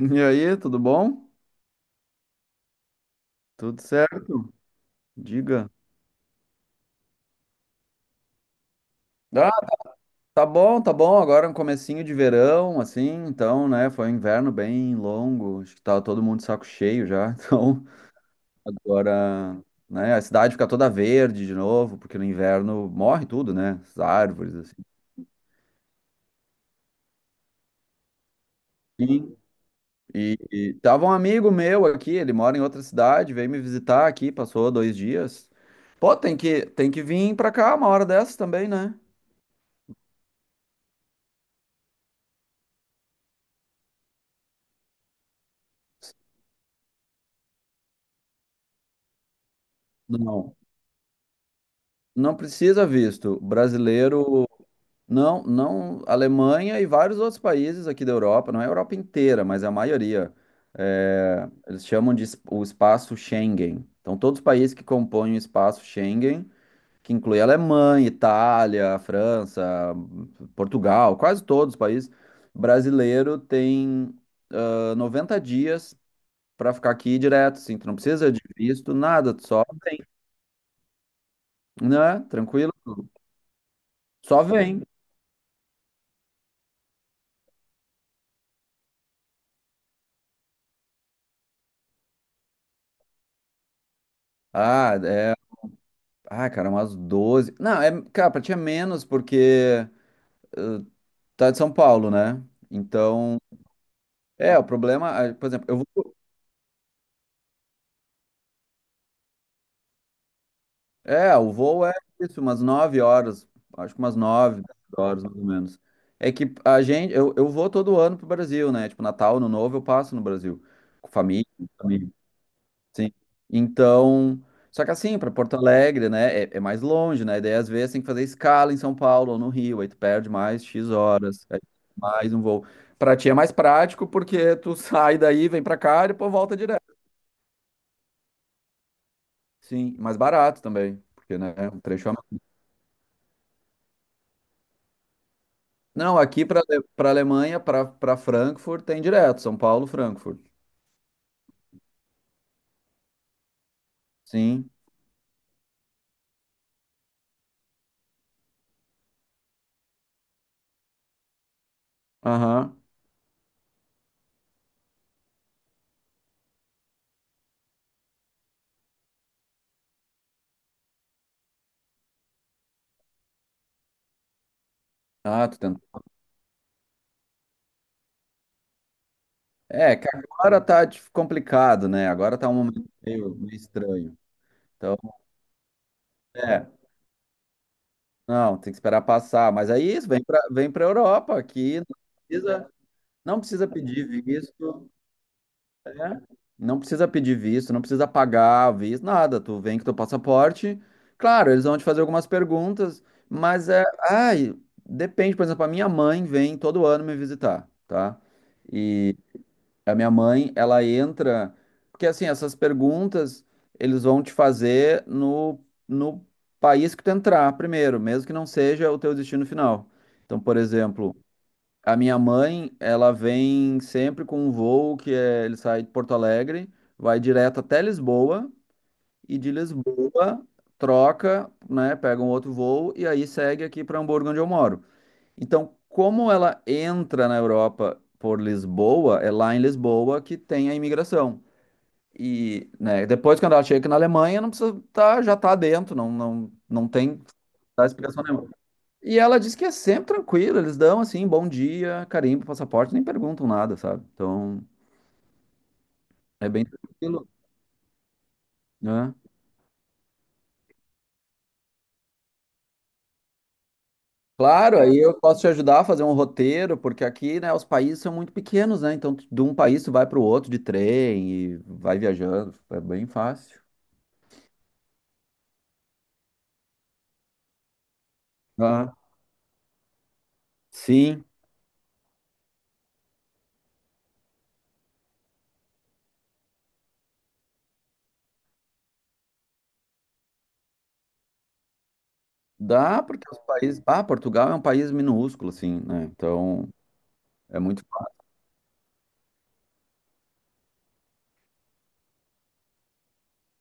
E aí, tudo bom? Tudo certo? Diga. Ah, tá bom, tá bom. Agora é um comecinho de verão, assim, então, né? Foi um inverno bem longo. Acho que tava todo mundo de saco cheio já. Então, agora, né? A cidade fica toda verde de novo, porque no inverno morre tudo, né? As árvores, assim. Sim. E tava um amigo meu aqui, ele mora em outra cidade, veio me visitar aqui, passou 2 dias. Pô, tem que vir pra cá uma hora dessas também, né? Não. Não precisa visto. Brasileiro, não, não. Alemanha e vários outros países aqui da Europa, não é a Europa inteira, mas é a maioria. É, eles chamam de o espaço Schengen. Então, todos os países que compõem o espaço Schengen, que inclui Alemanha, Itália, França, Portugal, quase todos os países, brasileiro tem 90 dias para ficar aqui direto, assim. Tu não precisa de visto, nada, tu só vem, né? Tranquilo, só vem. Ah, é. Ah, cara, umas 12. Não, é, cara, pra ti é menos porque tá de São Paulo, né? Então, é, o problema, por exemplo, é, o voo é isso, umas 9 horas, acho que umas 9 10 horas mais ou menos. É que eu vou todo ano pro Brasil, né? Tipo, Natal, Ano Novo eu passo no Brasil, com família. Sim. Então, só que assim, para Porto Alegre, né, é mais longe, né? Daí às vezes tem que fazer escala em São Paulo ou no Rio, aí tu perde mais X horas, aí mais um voo. Para ti é mais prático porque tu sai daí, vem para cá e depois volta direto. Sim, mais barato também, porque né, um trecho a. Não, aqui para Alemanha, para Frankfurt tem direto, São Paulo, Frankfurt. Sim. Aham. Ah, tu tenta. É, que agora tá complicado, né? Agora tá um momento meio estranho. Então, é. Não, tem que esperar passar. Mas aí isso, vem para Europa aqui, precisa, não precisa pedir visto, né? Não precisa pedir visto, não precisa pagar visto, nada. Tu vem com teu passaporte. Claro, eles vão te fazer algumas perguntas, mas é, depende, por exemplo, a minha mãe vem todo ano me visitar, tá? E a minha mãe, ela entra. Porque, assim, essas perguntas eles vão te fazer no país que tu entrar primeiro, mesmo que não seja o teu destino final. Então, por exemplo, a minha mãe, ela vem sempre com um voo que é, ele sai de Porto Alegre, vai direto até Lisboa, e de Lisboa troca, né, pega um outro voo e aí segue aqui para Hamburgo, onde eu moro. Então, como ela entra na Europa por Lisboa, é lá em Lisboa que tem a imigração. E, né, depois quando ela chega aqui na Alemanha, não precisa tá, já tá dentro, não, não, não tem dá explicação nenhuma. E ela diz que é sempre tranquilo, eles dão assim, bom dia, carimbo, passaporte, nem perguntam nada, sabe? Então, é bem tranquilo, né? Claro, aí eu posso te ajudar a fazer um roteiro, porque aqui, né, os países são muito pequenos, né? Então, de um país tu vai para o outro de trem e vai viajando, é bem fácil. Ah, sim, dá porque os países. Ah, Portugal é um país minúsculo, assim, né? Então é muito.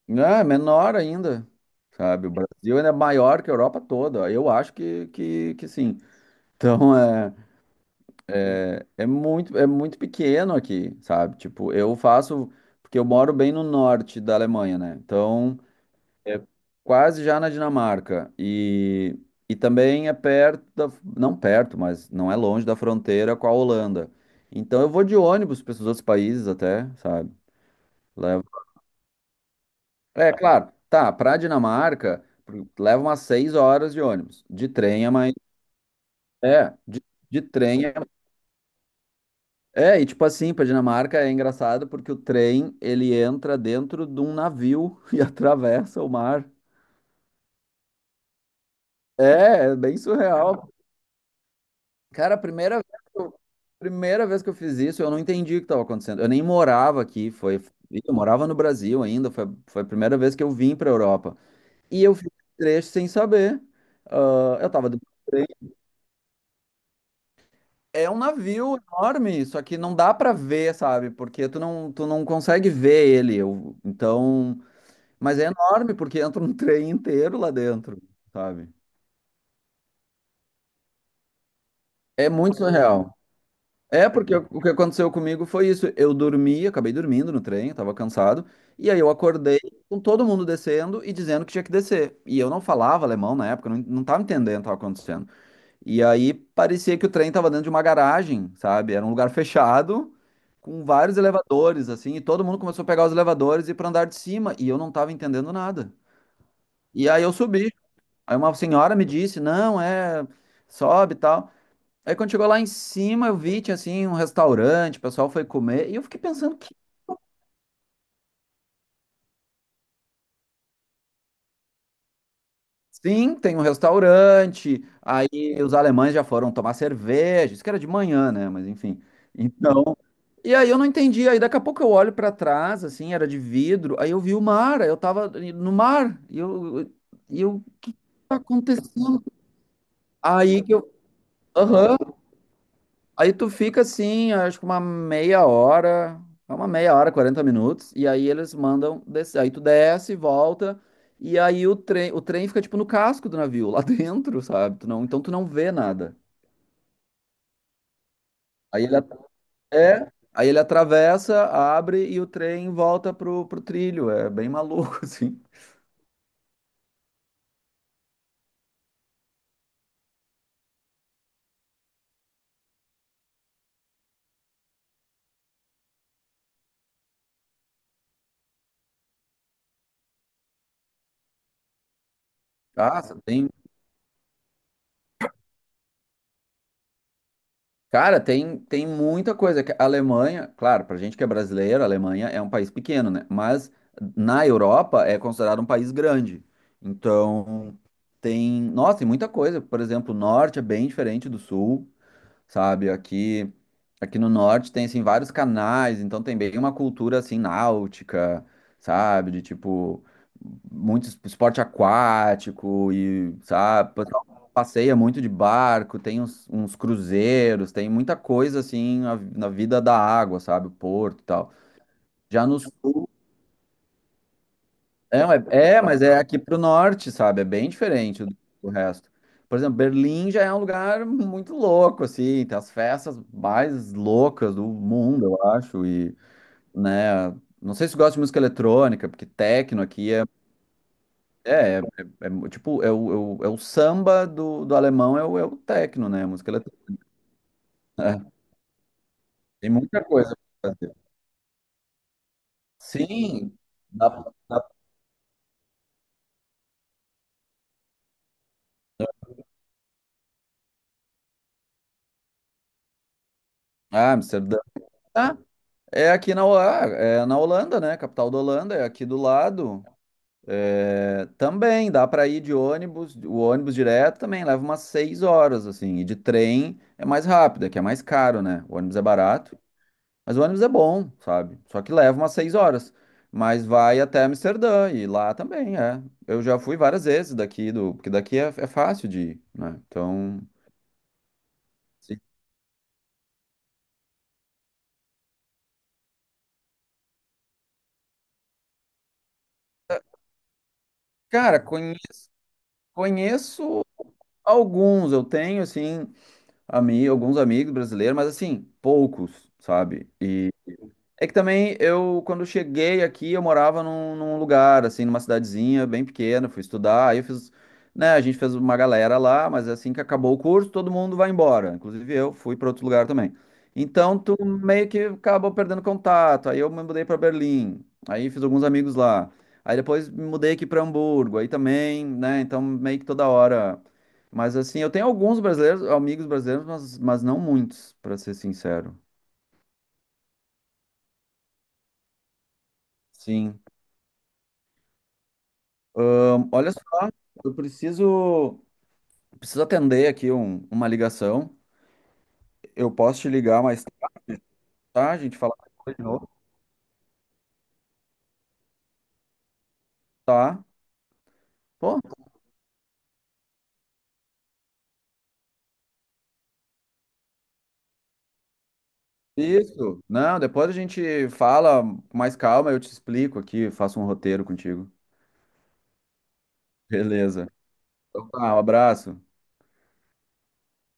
É menor ainda, sabe? O Brasil ainda é maior que a Europa toda. Eu acho que sim. Então é muito pequeno aqui, sabe? Tipo, eu faço. Porque eu moro bem no norte da Alemanha, né? Então. É quase já na Dinamarca. E também é perto da, não perto, mas não é longe da fronteira com a Holanda. Então eu vou de ônibus para esses outros países até, sabe? Levo. É claro, tá, para Dinamarca leva umas 6 horas de ônibus. De trem é mais. É, de trem é. É, e tipo assim, para Dinamarca é engraçado porque o trem ele entra dentro de um navio e atravessa o mar. É bem surreal. Cara, a primeira vez que eu, primeira vez que eu fiz isso, eu não entendi o que estava acontecendo. Eu nem morava aqui, eu morava no Brasil ainda, foi a primeira vez que eu vim para a Europa. E eu fiz esse trecho sem saber. Ah, eu tava do. É um navio enorme, só que não dá para ver, sabe? Porque tu não consegue ver ele. Então, mas é enorme porque entra um trem inteiro lá dentro, sabe? É muito surreal. É, porque o que aconteceu comigo foi isso. Eu dormi, acabei dormindo no trem, eu tava cansado. E aí eu acordei com todo mundo descendo e dizendo que tinha que descer. E eu não falava alemão na época, não tava entendendo o que tava acontecendo. E aí parecia que o trem tava dentro de uma garagem, sabe? Era um lugar fechado, com vários elevadores, assim. E todo mundo começou a pegar os elevadores e ir pra andar de cima. E eu não tava entendendo nada. E aí eu subi. Aí uma senhora me disse: não, é, sobe e tal. Aí quando chegou lá em cima, eu vi, tinha assim um restaurante, o pessoal foi comer, e eu fiquei pensando que sim, tem um restaurante, aí os alemães já foram tomar cerveja, isso que era de manhã, né? Mas enfim. Então, e aí eu não entendi, aí daqui a pouco eu olho pra trás, assim, era de vidro, aí eu vi o mar, aí eu tava no mar, e eu, o que tá acontecendo? Aí que eu, aham. Aí tu fica assim, acho que uma meia hora, é uma meia hora, 40 minutos, e aí eles mandam descer. Aí tu desce, volta, e aí o trem, fica tipo no casco do navio, lá dentro, sabe? Tu não, Então tu não vê nada. Aí ele at- Aí ele atravessa, abre e o trem volta pro trilho. É bem maluco, assim. Passa, tem Cara, tem muita coisa. Que A Alemanha, claro, pra gente que é brasileiro, a Alemanha é um país pequeno, né? Mas na Europa é considerado um país grande. Então, tem, nossa, tem muita coisa. Por exemplo, o norte é bem diferente do sul, sabe? Aqui no norte tem assim vários canais, então tem bem uma cultura assim náutica, sabe? De tipo muito esporte aquático e, sabe, o pessoal passeia muito de barco, tem uns cruzeiros, tem muita coisa assim na vida da água, sabe? O porto e tal. Já no sul é, mas é aqui pro norte, sabe? É bem diferente do resto. Por exemplo, Berlim já é um lugar muito louco, assim, tem as festas mais loucas do mundo, eu acho, e, né, não sei se gosta de música eletrônica, porque techno aqui é, é, é tipo, é o samba do alemão, é o techno, né, música eletrônica. É, tem muita coisa pra fazer. Sim, dá, ah, Amsterdã. Ah, é aqui na, ah, é na Holanda, né? Capital da Holanda, é aqui do lado. É, também dá para ir de ônibus, o ônibus direto também leva umas 6 horas, assim, e de trem é mais rápido, é que é mais caro, né? O ônibus é barato, mas o ônibus é bom, sabe? Só que leva umas 6 horas, mas vai até Amsterdã e lá também é. Eu já fui várias vezes daqui do, porque daqui é fácil de ir, né? Então, sim. Cara, conheço alguns, eu tenho assim, alguns amigos brasileiros, mas assim, poucos, sabe? É que também eu, quando cheguei aqui, eu morava num lugar, assim, numa cidadezinha bem pequena, fui estudar, aí eu fiz, né, a gente fez uma galera lá, mas é assim que acabou o curso, todo mundo vai embora, inclusive eu fui para outro lugar também. Então, tu meio que acabou perdendo contato, aí eu me mudei para Berlim, aí fiz alguns amigos lá, aí depois me mudei aqui para Hamburgo, aí também, né, então meio que toda hora. Mas assim, eu tenho alguns brasileiros, amigos brasileiros, mas não muitos, para ser sincero. Sim. Olha só, eu preciso atender aqui uma ligação. Eu posso te ligar mais tarde, tá? A gente fala depois de novo, tá? Pô, isso. Não, depois a gente fala com mais calma, eu te explico aqui, faço um roteiro contigo. Beleza. Então tá, um abraço.